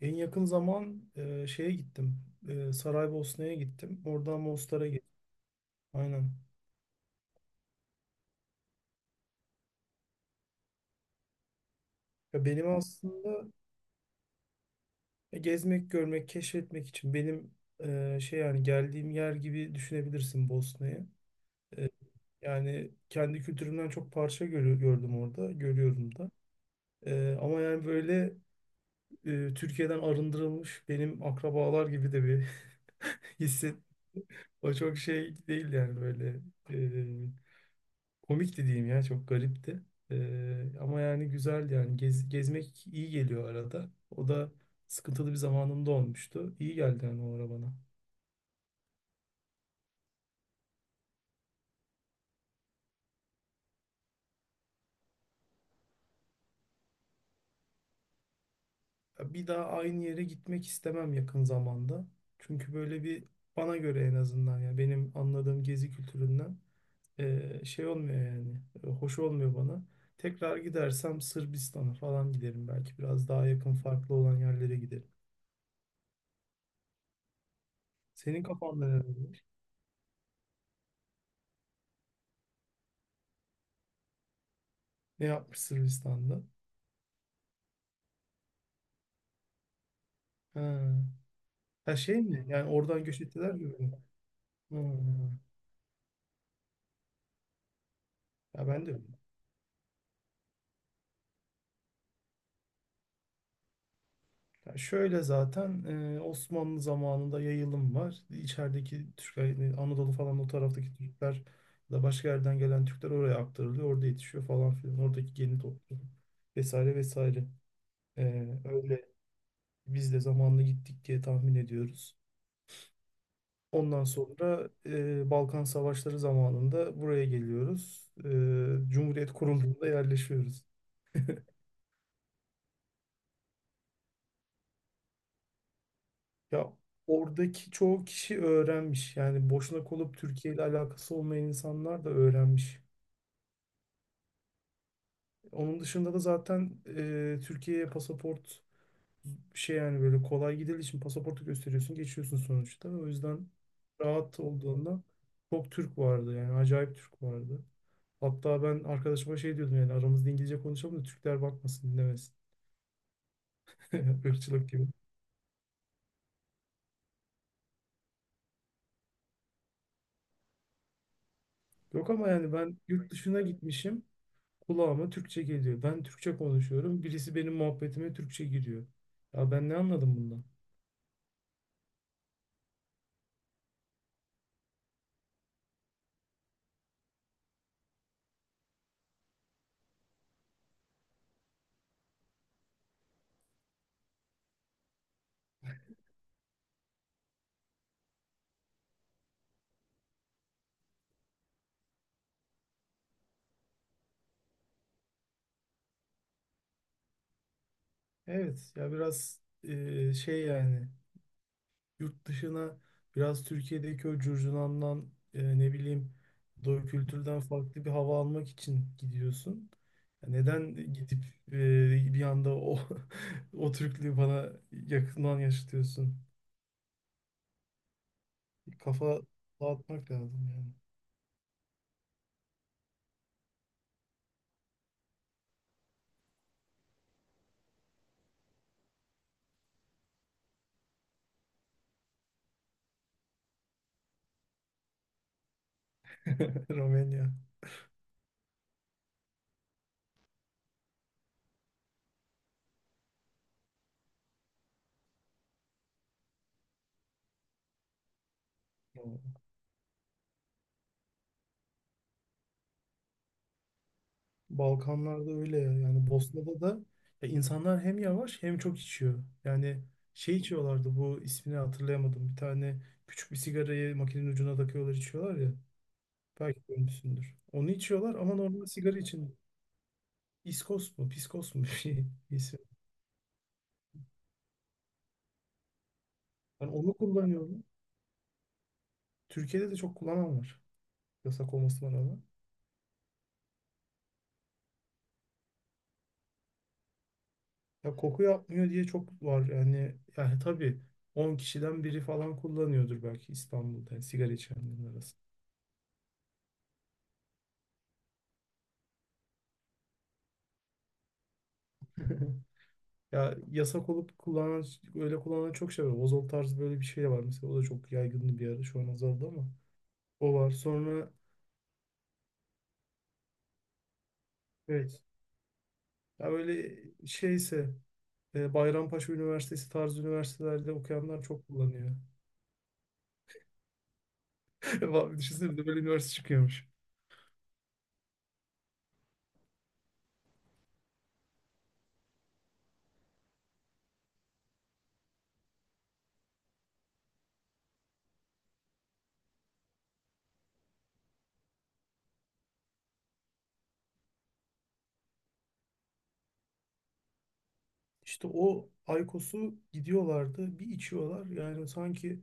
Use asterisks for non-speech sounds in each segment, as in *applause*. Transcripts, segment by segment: En yakın zaman şeye gittim. Saraybosna'ya gittim. Oradan Mostar'a gittim. Aynen. Ya benim aslında gezmek, görmek, keşfetmek için benim şey, yani geldiğim yer gibi düşünebilirsin Bosna'yı. Yani kendi kültürümden çok parça gördüm orada, görüyorum da. Ama yani böyle Türkiye'den arındırılmış benim akrabalar gibi de bir *laughs* hisset. O çok şey değil yani böyle. Komikti diyeyim, ya çok garipti. Ama yani güzeldi, yani gezmek iyi geliyor arada. O da sıkıntılı bir zamanımda olmuştu. İyi geldi yani o ara bana. Bir daha aynı yere gitmek istemem yakın zamanda. Çünkü böyle bir, bana göre en azından, yani benim anladığım gezi kültüründen şey olmuyor yani. Hoş olmuyor bana. Tekrar gidersem Sırbistan'a falan giderim, belki biraz daha yakın farklı olan yerlere giderim. Senin kafanda ne var? Ne yapmış Sırbistan'da? Ha. Ha, şey mi? Yani oradan göç ettiler gibi mi? Hmm. Ya ben de, ya şöyle zaten Osmanlı zamanında yayılım var. İçerideki Türkler, yani Anadolu falan o taraftaki Türkler ya da başka yerden gelen Türkler oraya aktarılıyor. Orada yetişiyor falan filan. Oradaki geni topluyor. Vesaire vesaire. Öyle biz de zamanla gittik diye tahmin ediyoruz. Ondan sonra Balkan Savaşları zamanında buraya geliyoruz. Cumhuriyet kurulduğunda yerleşiyoruz. Ya oradaki çoğu kişi öğrenmiş. Yani boşuna kalıp Türkiye ile alakası olmayan insanlar da öğrenmiş. Onun dışında da zaten Türkiye'ye pasaport şey, yani böyle kolay gidildiği için pasaportu gösteriyorsun, geçiyorsun sonuçta. O yüzden rahat olduğunda çok Türk vardı, yani acayip Türk vardı. Hatta ben arkadaşıma şey diyordum, yani aramızda İngilizce konuşalım da Türkler bakmasın, dinlemesin. *laughs* Irkçılık gibi. Yok ama yani ben yurt dışına gitmişim. Kulağıma Türkçe geliyor. Ben Türkçe konuşuyorum. Birisi benim muhabbetime Türkçe giriyor. Ya ben ne anladım bundan? Evet ya, biraz şey yani yurt dışına biraz Türkiye'deki o curcunandan, ne bileyim, doğu kültürden farklı bir hava almak için gidiyorsun. Ya neden gidip bir anda o *laughs* o Türklüğü bana yakından yaşatıyorsun? Kafa dağıtmak lazım yani. *laughs* Romanya. Balkanlarda öyle ya. Yani Bosna'da da ya insanlar hem yavaş hem çok içiyor. Yani şey içiyorlardı, bu ismini hatırlayamadım. Bir tane küçük bir sigarayı makinenin ucuna takıyorlar, içiyorlar ya. Belki görmüşsündür. Onu içiyorlar ama normal sigara için. İskos mu, Piskos mu *laughs* bir şey isim. Ben onu kullanıyorum. Türkiye'de de çok kullanan var. Yasak olmasına rağmen. Ya koku yapmıyor diye çok var. Yani tabii 10 kişiden biri falan kullanıyordur belki İstanbul'da, yani sigara içenlerin arasında. *laughs* Ya yasak olup kullanan, öyle kullanan çok şey var. Ozol tarzı böyle bir şey de var. Mesela o da çok yaygındı bir ara. Şu an azaldı ama o var. Sonra evet. Ya öyle şeyse Bayrampaşa Üniversitesi tarzı üniversitelerde okuyanlar çok kullanıyor. *laughs* Vallahi, düşünsene bir de böyle üniversite çıkıyormuş. İşte o Aykos'u gidiyorlardı. Bir içiyorlar. Yani sanki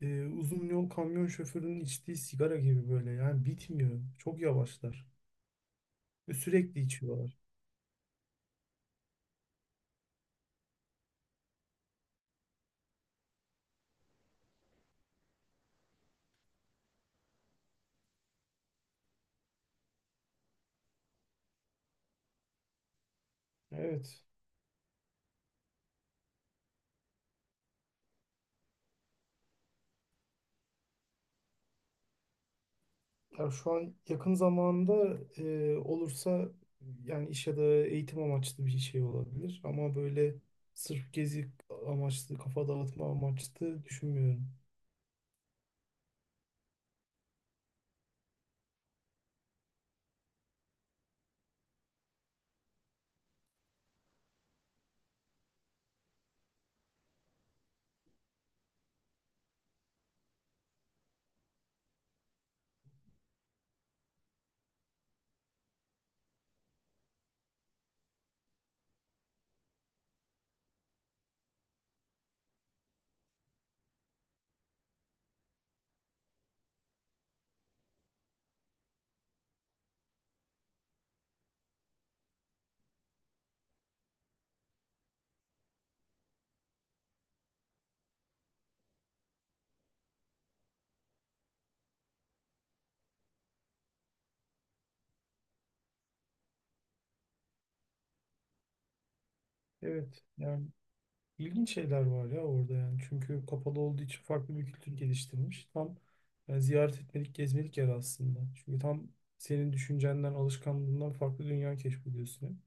uzun yol kamyon şoförünün içtiği sigara gibi böyle. Yani bitmiyor. Çok yavaşlar. Ve sürekli içiyorlar. Evet. Ya şu an yakın zamanda olursa yani iş ya da eğitim amaçlı bir şey olabilir. Ama böyle sırf gezi amaçlı, kafa dağıtma amaçlı düşünmüyorum. Evet, yani ilginç şeyler var ya orada yani. Çünkü kapalı olduğu için farklı bir kültür geliştirmiş. Tam yani ziyaret etmelik, gezmelik yer aslında. Çünkü tam senin düşüncenden, alışkanlığından farklı dünya keşfediyorsun.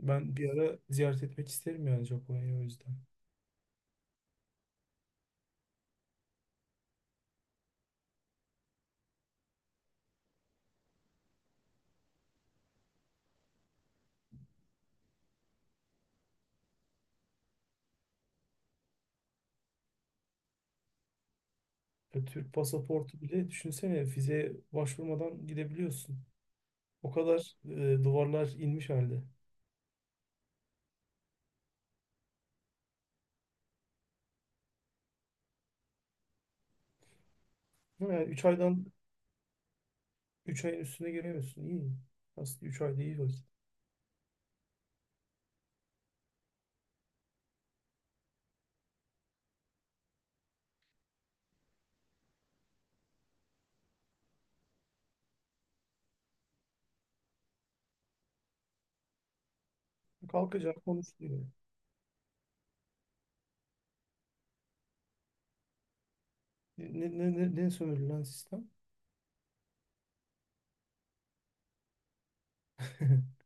Ben bir ara ziyaret etmek isterim yani Japonya'yı, o yüzden. Ya Türk pasaportu bile düşünsene, vizeye başvurmadan gidebiliyorsun. O kadar duvarlar inmiş halde. Ama yani 3 aydan, 3 ayın üstüne giremiyorsun. İyi. Aslında üç ay ayda iyi vakit. Kalkacak konuşuluyor. Ne sömürü lan sistem? *laughs*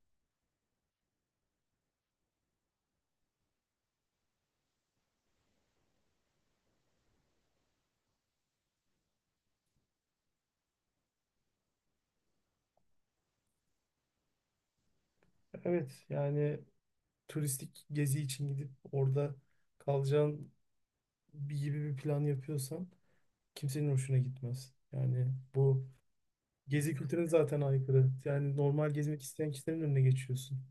Evet yani turistik gezi için gidip orada kalacağın bir gibi bir plan yapıyorsan kimsenin hoşuna gitmez. Yani bu gezi kültürüne zaten aykırı. Yani normal gezmek isteyen kişilerin önüne geçiyorsun.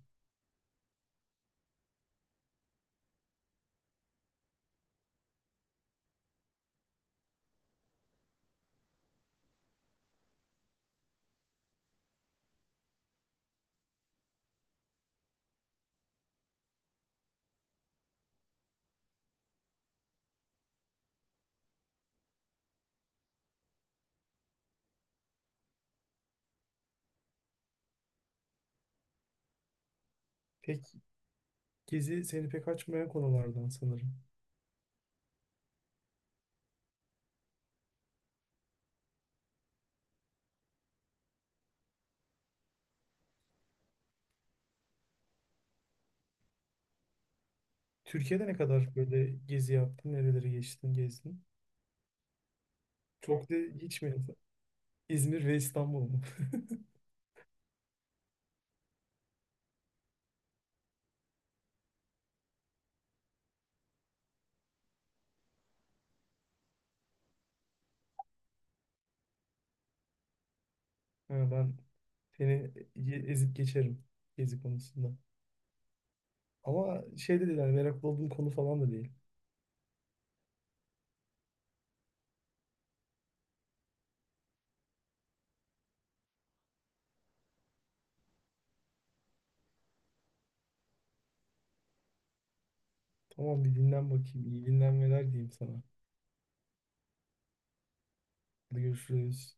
Pek Gezi seni pek açmayan konulardan sanırım. Türkiye'de ne kadar böyle gezi yaptın? Nereleri geçtin, gezdin? Çok da, hiç mi? *laughs* İzmir ve İstanbul mu? *laughs* Ha, ben seni ezip geçerim gezi konusunda. Ama şey de değil, hani meraklı olduğum konu falan da değil. Tamam, bir dinlen bakayım. İyi dinlenmeler diyeyim sana. Hadi görüşürüz.